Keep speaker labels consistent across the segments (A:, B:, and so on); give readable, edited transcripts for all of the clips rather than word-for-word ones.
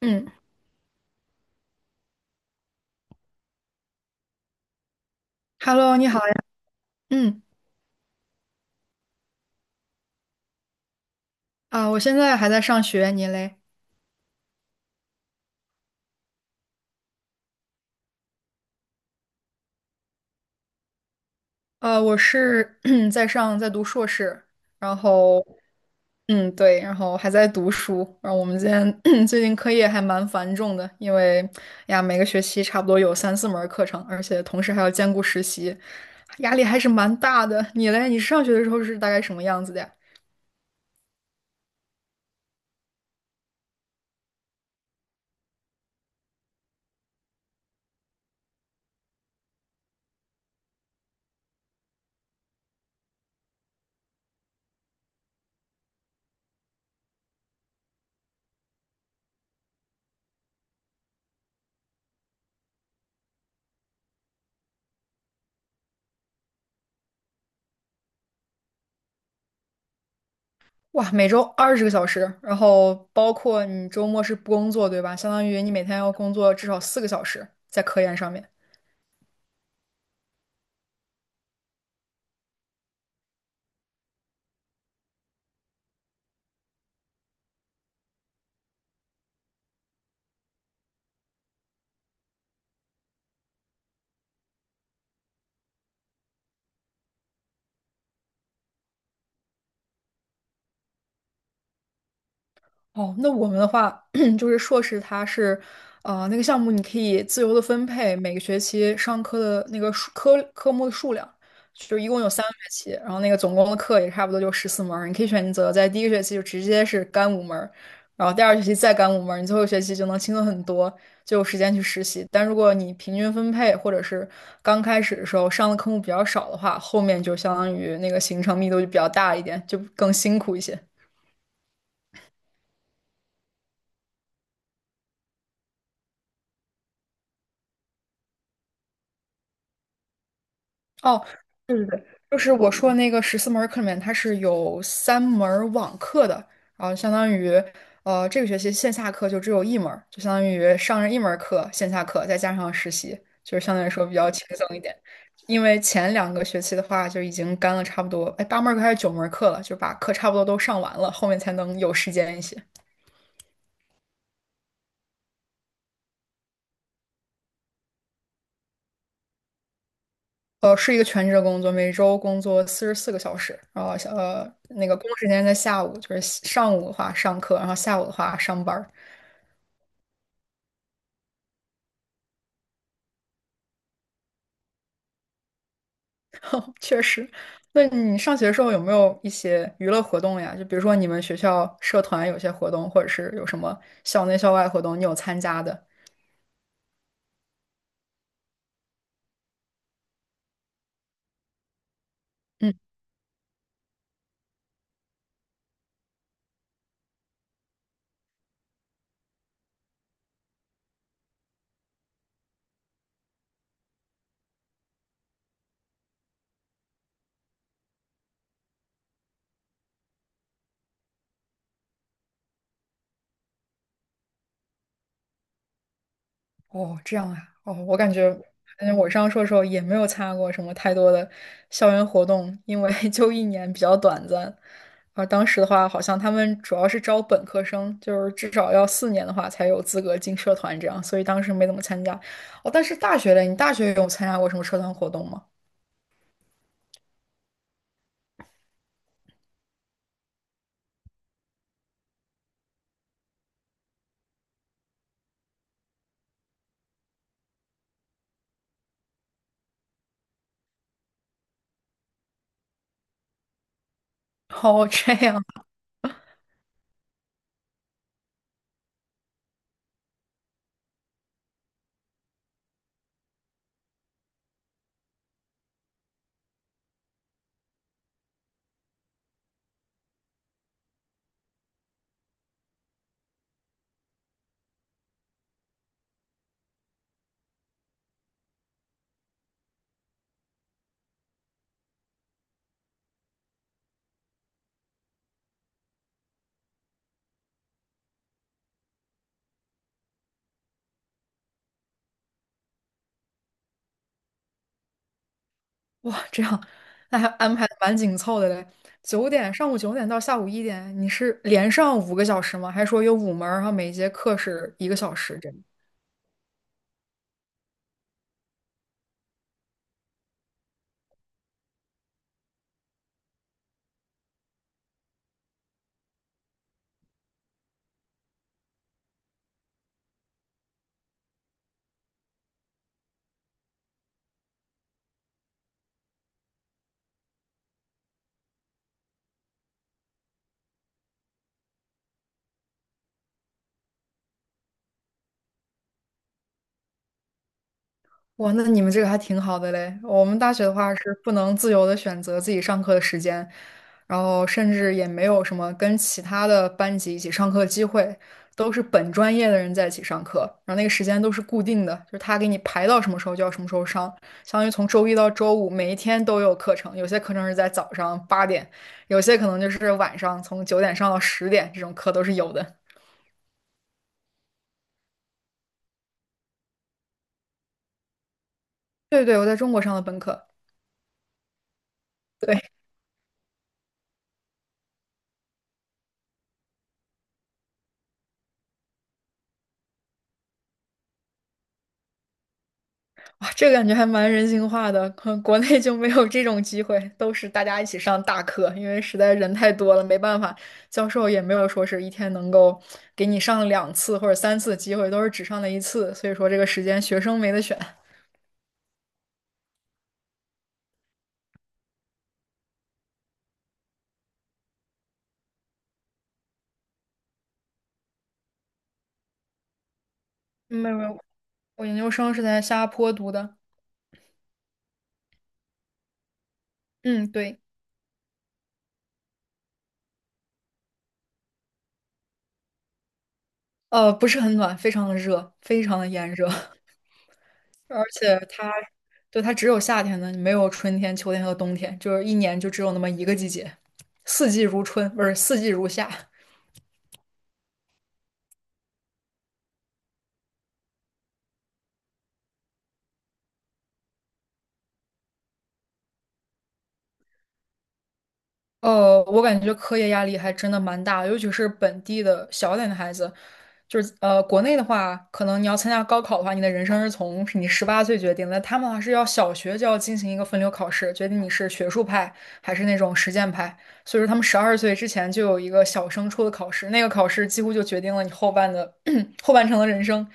A: 嗯，Hello，你好呀。嗯啊，我现在还在上学，你嘞？我是 在读硕士，然后对，然后还在读书。然后我们今天 最近课业还蛮繁重的，因为哎呀每个学期差不多有三四门儿课程，而且同时还要兼顾实习，压力还是蛮大的。你嘞？你上学的时候是大概什么样子的呀？哇，每周20个小时，然后包括你周末是不工作，对吧？相当于你每天要工作至少四个小时在科研上面。哦，那我们的话 就是硕士，它是，那个项目你可以自由的分配每个学期上课的那个数科科目的数量，就是一共有3个学期，然后那个总共的课也差不多就十四门儿，你可以选择在第一个学期就直接是干五门儿，然后第二学期再干五门儿，你最后一学期就能轻松很多，就有时间去实习。但如果你平均分配或者是刚开始的时候上的科目比较少的话，后面就相当于那个行程密度就比较大一点，就更辛苦一些。哦，对对对，就是我说的那个十四门儿课里面，它是有3门儿网课的，然后相当于，这个学期线下课就只有一门儿，就相当于上了一门儿课，线下课再加上实习，就是相对来说比较轻松一点。因为前2个学期的话，就已经干了差不多，哎，8门儿课还是9门儿课了，就把课差不多都上完了，后面才能有时间一些。是一个全职的工作，每周工作44个小时，然后那个工作时间在下午，就是上午的话上课，然后下午的话上班儿。确实，那你上学的时候有没有一些娱乐活动呀？就比如说你们学校社团有些活动，或者是有什么校内校外活动，你有参加的？嗯。哦，这样啊，哦，我感觉，反正我上硕的时候也没有参加过什么太多的校园活动，因为 就一年比较短暂。而当时的话，好像他们主要是招本科生，就是至少要4年的话才有资格进社团这样，所以当时没怎么参加。哦，但是大学嘞，你大学有参加过什么社团活动吗？哦，这样，哇，这样，那还安排的蛮紧凑的嘞。九点，上午9点到下午1点，你是连上5个小时吗？还是说有五门儿然后每节课是一个小时这样？哇，那你们这个还挺好的嘞。我们大学的话是不能自由的选择自己上课的时间，然后甚至也没有什么跟其他的班级一起上课的机会，都是本专业的人在一起上课，然后那个时间都是固定的，就是他给你排到什么时候就要什么时候上，相当于从周一到周五每一天都有课程，有些课程是在早上8点，有些可能就是晚上从九点上到10点，这种课都是有的。对对，我在中国上的本科。对。哇，这个感觉还蛮人性化的，可能国内就没有这种机会，都是大家一起上大课，因为实在人太多了，没办法，教授也没有说是一天能够给你上2次或者3次的机会，都是只上了一次，所以说这个时间学生没得选。嗯没有没有，我研究生是在新加坡读的，嗯，对，不是很暖，非常的热，非常的炎热，而且对它只有夏天的，没有春天、秋天和冬天，就是一年就只有那么一个季节，四季如春，不是四季如夏。我感觉课业压力还真的蛮大的，尤其是本地的小点的孩子，就是国内的话，可能你要参加高考的话，你的人生是从你18岁决定的，他们的话是要小学就要进行一个分流考试，决定你是学术派还是那种实践派，所以说他们12岁之前就有一个小升初的考试，那个考试几乎就决定了你后半的 后半程的人生，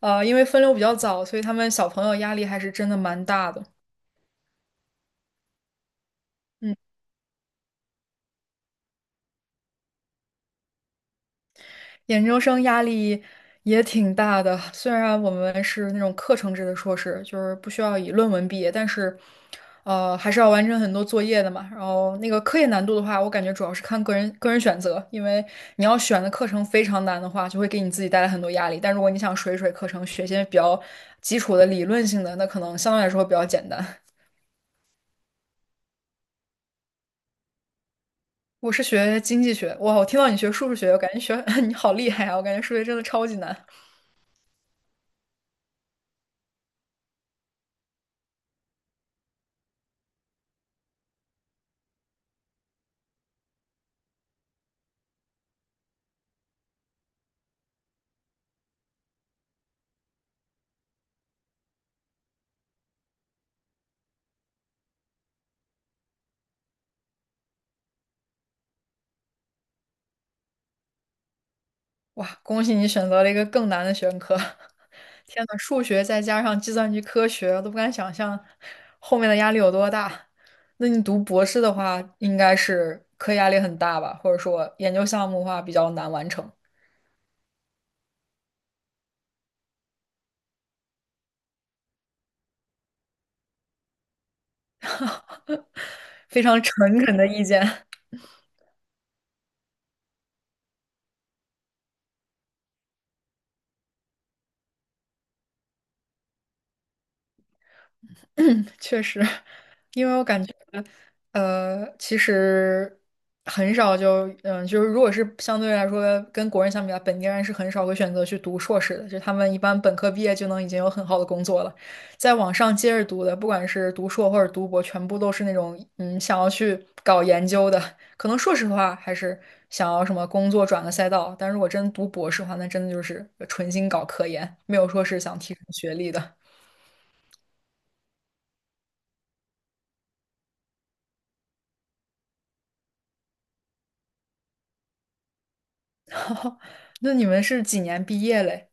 A: 因为分流比较早，所以他们小朋友压力还是真的蛮大的。嗯。研究生压力也挺大的，虽然我们是那种课程制的硕士，就是不需要以论文毕业，但是，还是要完成很多作业的嘛。然后那个科研难度的话，我感觉主要是看个人选择，因为你要选的课程非常难的话，就会给你自己带来很多压力。但如果你想水水课程，学些比较基础的理论性的，那可能相对来说比较简单。我是学经济学，哇，我听到你学数学，我感觉学 你好厉害啊！我感觉数学真的超级难。哇，恭喜你选择了一个更难的学科！天呐，数学再加上计算机科学，我都不敢想象后面的压力有多大。那你读博士的话，应该是课业压力很大吧？或者说研究项目的话比较难完成。非常诚恳的意见。确实，因为我感觉，其实很少就，就是如果是相对来说跟国人相比啊，本地人是很少会选择去读硕士的，就他们一般本科毕业就能已经有很好的工作了，在往上接着读的，不管是读硕或者读博，全部都是那种想要去搞研究的，可能硕士的话还是想要什么工作转个赛道，但如果真读博士的话，那真的就是纯心搞科研，没有说是想提升学历的。那你们是几年毕业嘞？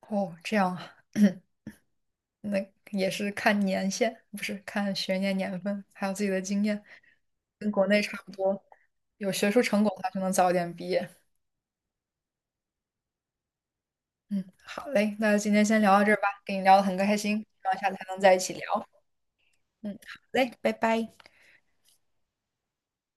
A: 哦，这样啊，那也是看年限，不是看学年年份，还有自己的经验，跟国内差不多。有学术成果的话就能早点毕业。嗯，好嘞，那今天先聊到这儿吧，跟你聊得很开心，希望下次还能在一起聊。嗯，好嘞，拜拜。